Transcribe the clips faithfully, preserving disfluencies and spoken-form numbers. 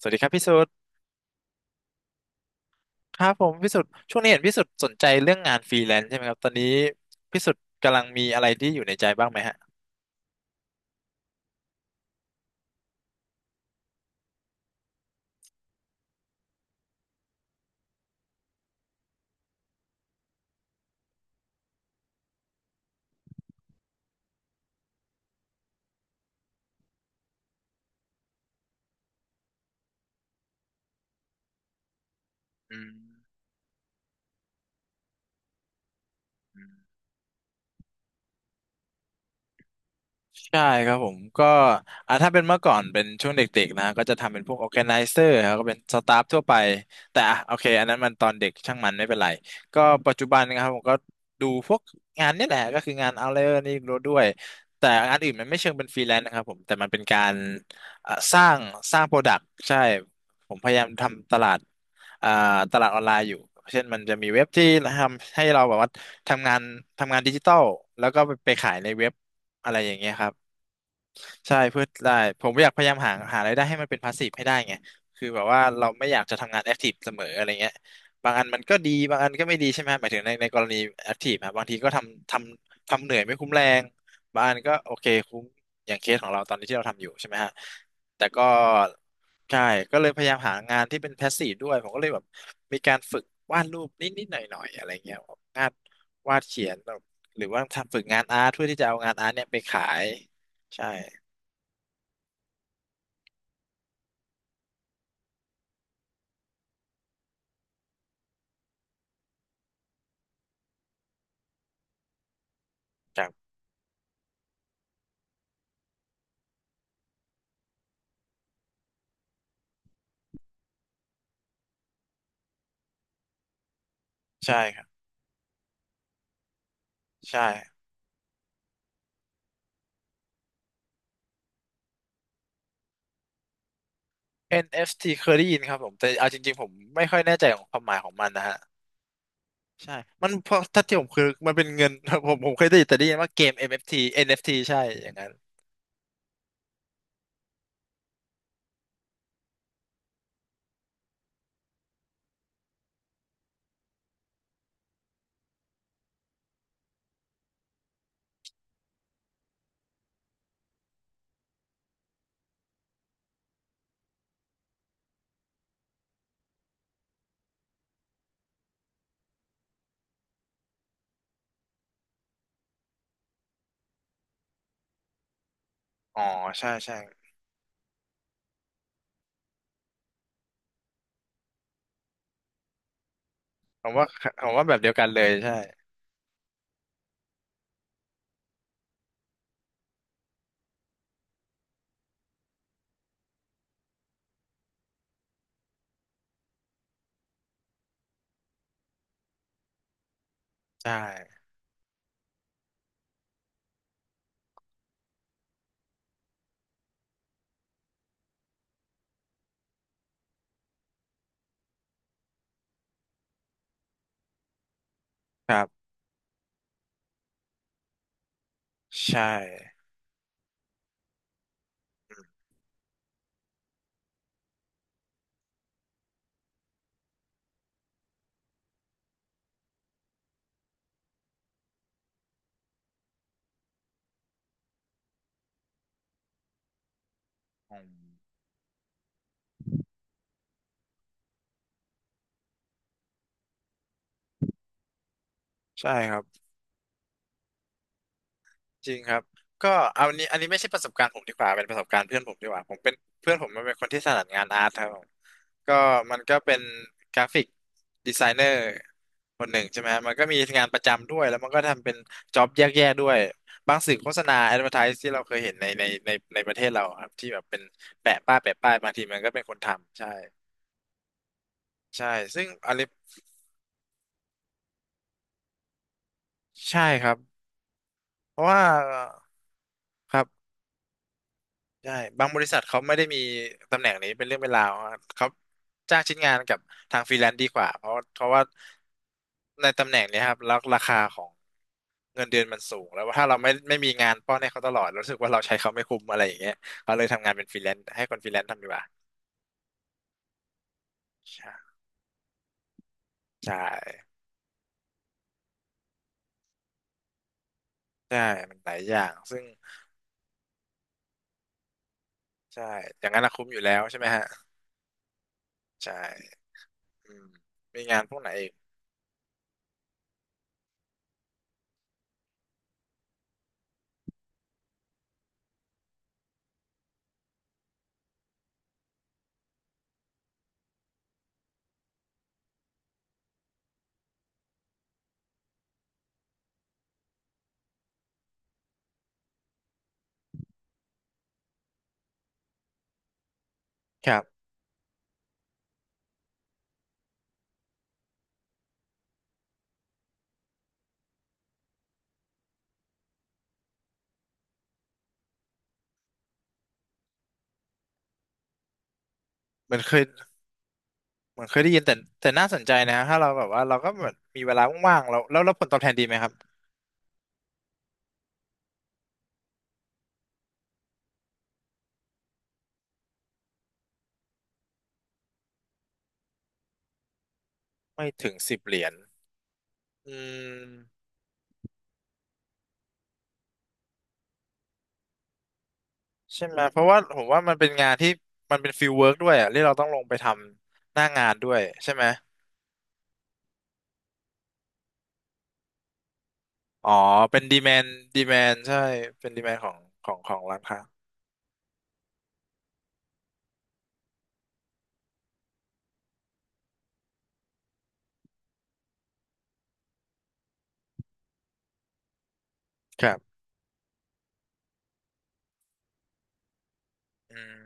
สวัสดีครับพี่สุดครับผมพี่สุดช่วงนี้เห็นพี่สุดสนใจเรื่องงานฟรีแลนซ์ใช่ไหมครับตอนนี้พี่สุดกำลังมีอะไรที่อยู่ในใจบ้างไหมฮะอืม ใช่ครับผมก็อ่าถ้าเป็นเมื่อก่อนเป็นช่วงเด็กๆนะก็จะทำเป็นพวก organizer ครับก็เป็นสตาฟทั่วไปแต่อ่ะโอเคอันนั้นมันตอนเด็กช่างมันไม่เป็นไรก็ปัจจุบันนะครับผมก็ดูพวกงานนี่แหละก็คืองานเอาเลอรนี่รู้ด้วยแต่งานอื่นมันไม่เชิงเป็นฟรีแลนซ์นะครับผมแต่มันเป็นการอ่ะสร้างสร้างโปรดักต์ใช่ผมพยายามทำตลาดอ่าตลาดออนไลน์อยู่เช่นมันจะมีเว็บที่ทำให้เราแบบว่าทำงานทำงานดิจิตอลแล้วก็ไปขายในเว็บอะไรอย่างเงี้ยครับ ใช่เพื่อได้ผมอยากพยายามหาหารายได้ให้มันเป็นพาสซีฟให้ได้ไงคือแบบว่าเราไม่อยากจะทำงานแอคทีฟเสมออะไรเงี้ยบางอันมันก็ดีบางอันก็ไม่ดีใช่ไหมหมายถึงในในกรณีแอคทีฟอะบางทีก็ทำทำทำเหนื่อยไม่คุ้มแรงบางอันก็โอเคคุ้มอย่างเคสของเราตอนนี้ที่เราทำอยู่ใช่ไหมฮะแต่ก็ใช่ก็เลยพยายามหางานที่เป็นพาสซีฟด้วยผมก็เลยแบบมีการฝึกวาดรูปนิดๆหน่อยๆอะไรเงี้ยงานวาดเขียนหรือว่าทำฝึกงานอาร์ตเพื่อที่จะเอางานอาร์ตเนี่ยไปขายใช่ จากใช่ครับใช่ เอ็น เอฟ ที เอฟทีเคยได้ยินครับผมแต่เอาจริงๆผมไม่ค่อยแน่ใจของความหมายของมันนะฮะใช่มันเพราะถ้าที่ผมคือมันเป็นเงิน ผมผมเคยได้ยินแต่ได้ยินว่าเกม เอ็น เอฟ ที เอ็น เอฟ ที ใช่อย่างนั้นอ๋อใช่ใช่ผมว่าผมว่าแบบเดียวกันเลยใช่ใช่ครับใช่อืมใช่ครับ จริงครับก็เอาอันนี้อันนี้ไม่ใช่ประสบการณ์ผมดีกว่าเป็นประสบการณ์เพื่อนผมดีกว่าผมเป็นเพื่อนผมมันเป็นคนที่ถนัดงานอาร์ตครับผมก็มันก็เป็นกราฟิกดีไซเนอร์คนหนึ่งใช่ไหมฮะมันก็มีงานประจำด้วยแล้วมันก็ทำเป็นจ็อบแยกๆด้วยบางสื่อโฆษณาแอดเวอร์ไทซ์ที่เราเคยเห็นในในในในประเทศเราครับที่แบบเป็นแปะป้ายแปะป้ายบางทีมันก็เป็นคนทำใช่ใช่ซึ่งอันนี้ใช่ครับเพราะว่าครับ ใช่บางบริษัทเขาไม่ได้มีตำแหน่งนี้เป็นเรื่องเป็นราวอะเขาจ้างชิ้นงานกับทางฟรีแลนซ์ดีกว่าเพราะเพราะว่าในตำแหน่งเนี้ยครับแล้วราคาของเงินเดือนมันสูงแล้วถ้าเราไม่ไม่มีงานป้อนให้เขาตลอดรู้สึกว่าเราใช้เขาไม่คุ้มอะไรอย่างเงี้ยเขาเลยทำงานเป็นฟรีแลนซ์ให้คนฟรีแลนซ์ทำดีกว่าใช่ใช่ใช่มันหลายอย่างซึ่งใช่อย่างนั้นละคุ้มอยู่แล้วใช่ไหมฮะใช่อืมมีงานพวกไหนอีกครับมันเคย เหมือนเคยได้ยินแต่แต่น่าสนใจนะถ้าเราแบบว่าเราก็เหมือนมีเวลาว่างๆเราแล้วแล้วผลตอบแทนดีไหมครับไม่ถึงสิบเหรียญอืมใช่ไหมเพราะว่าผมว่ามันเป็นงานที่มันเป็นฟิลเวิร์กด้วยอ่ะที่เราต้องลงไปทำหน้างานด้วยใช่ไหมอ๋อเป็นดีแมนดีแมนใช่เป็นดีแมนของของของร้านค้าครับอืม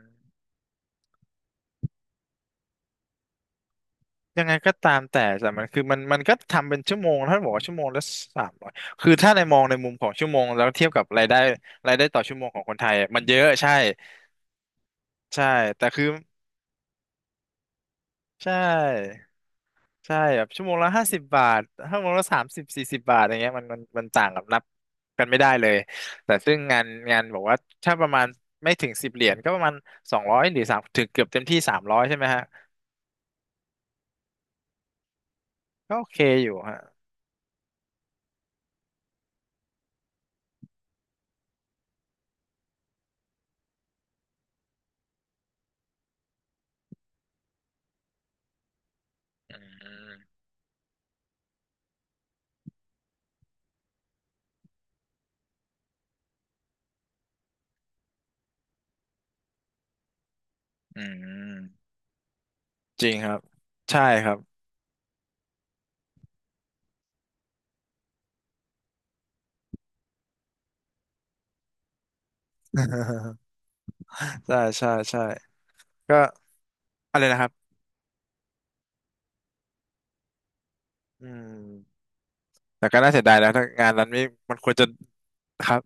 ยังไงก็ตามแต่แต่มันคือมันมันก็ทำเป็นชั่วโมงถ้าบอกว่าชั่วโมงละสามร้อยคือถ้าในมองในมุมของชั่วโมงแล้วเทียบกับรายได้รายได้ต่อชั่วโมงของคนไทยมันเยอะใช่ ใช่แต่คือใช่ใช่แบบชั่วโมงละห้าสิบบาทชั่วโมงละสามสิบสี่สิบบาทอย่างเงี้ยมันมันมันต่างกับนับกันไม่ได้เลยแต่ซึ่งงานงานบอกว่าถ้าประมาณไม่ถึงสิบเหรียญก็ประมาณสองร้อยหรือสามถึงเกือบเต็มที่สามร้อยใช่ไหมฮะก็โอเคอยู่ฮะอืมอืมจริงครับใช่ครับ ใช่ใช่ใช่ก็อะไรนะครับอืมแต่ก็น่าเสียดายแล้วถ้างานนั้นไม่มันควรจะครับ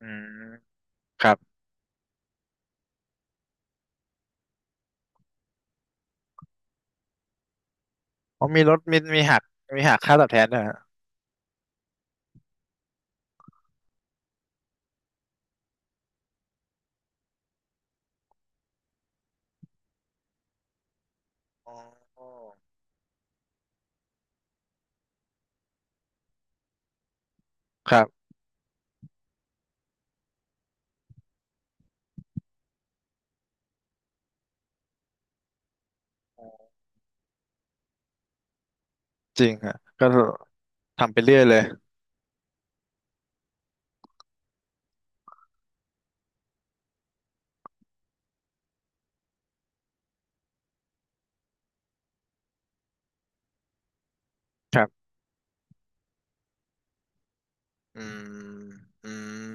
อืมครับ อ๋อมีลดมีมีหักมีหักค่าตอบแทนด้วยฮะอ๋อครับจริงฮะก็ทำไปเรื่อยเลยครับอืมอืม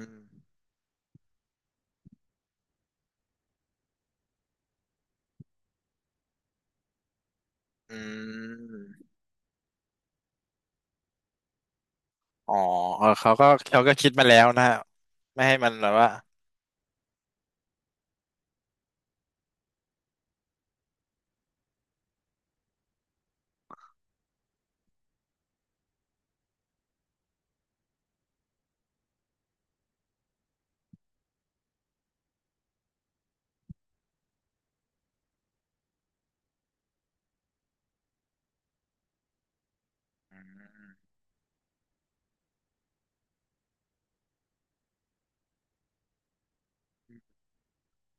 อืมอ๋อเออเขาก็เขาก็คิดมาแล้วนะฮะไม่ให้มันแบบว่า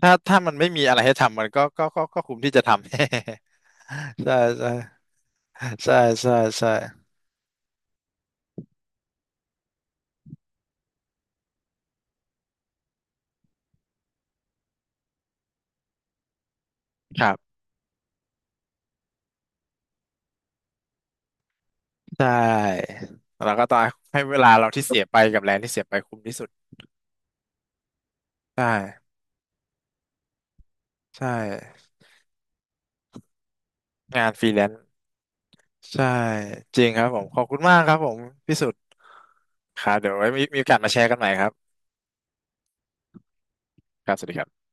ถ้าถ้ามันไม่มีอะไรให้ทำมันก็ก็ก็ก็คุ้มที่จะทำ ใช่ใช่ใช่ใช่ใช่ครับใช่แล้วก็ต้องให้เวลาเราที่เสียไปกับแรงที่เสียไปคุ้มที่สุดใช่ใช่งานฟรีแลนซ์ ใช่จริงครับผมขอบคุณมากครับผมพี่สุดครับเดี๋ยวไว้มีมีโอกาสมาแชร์กันใหม่ครับครับสวัสดีครับ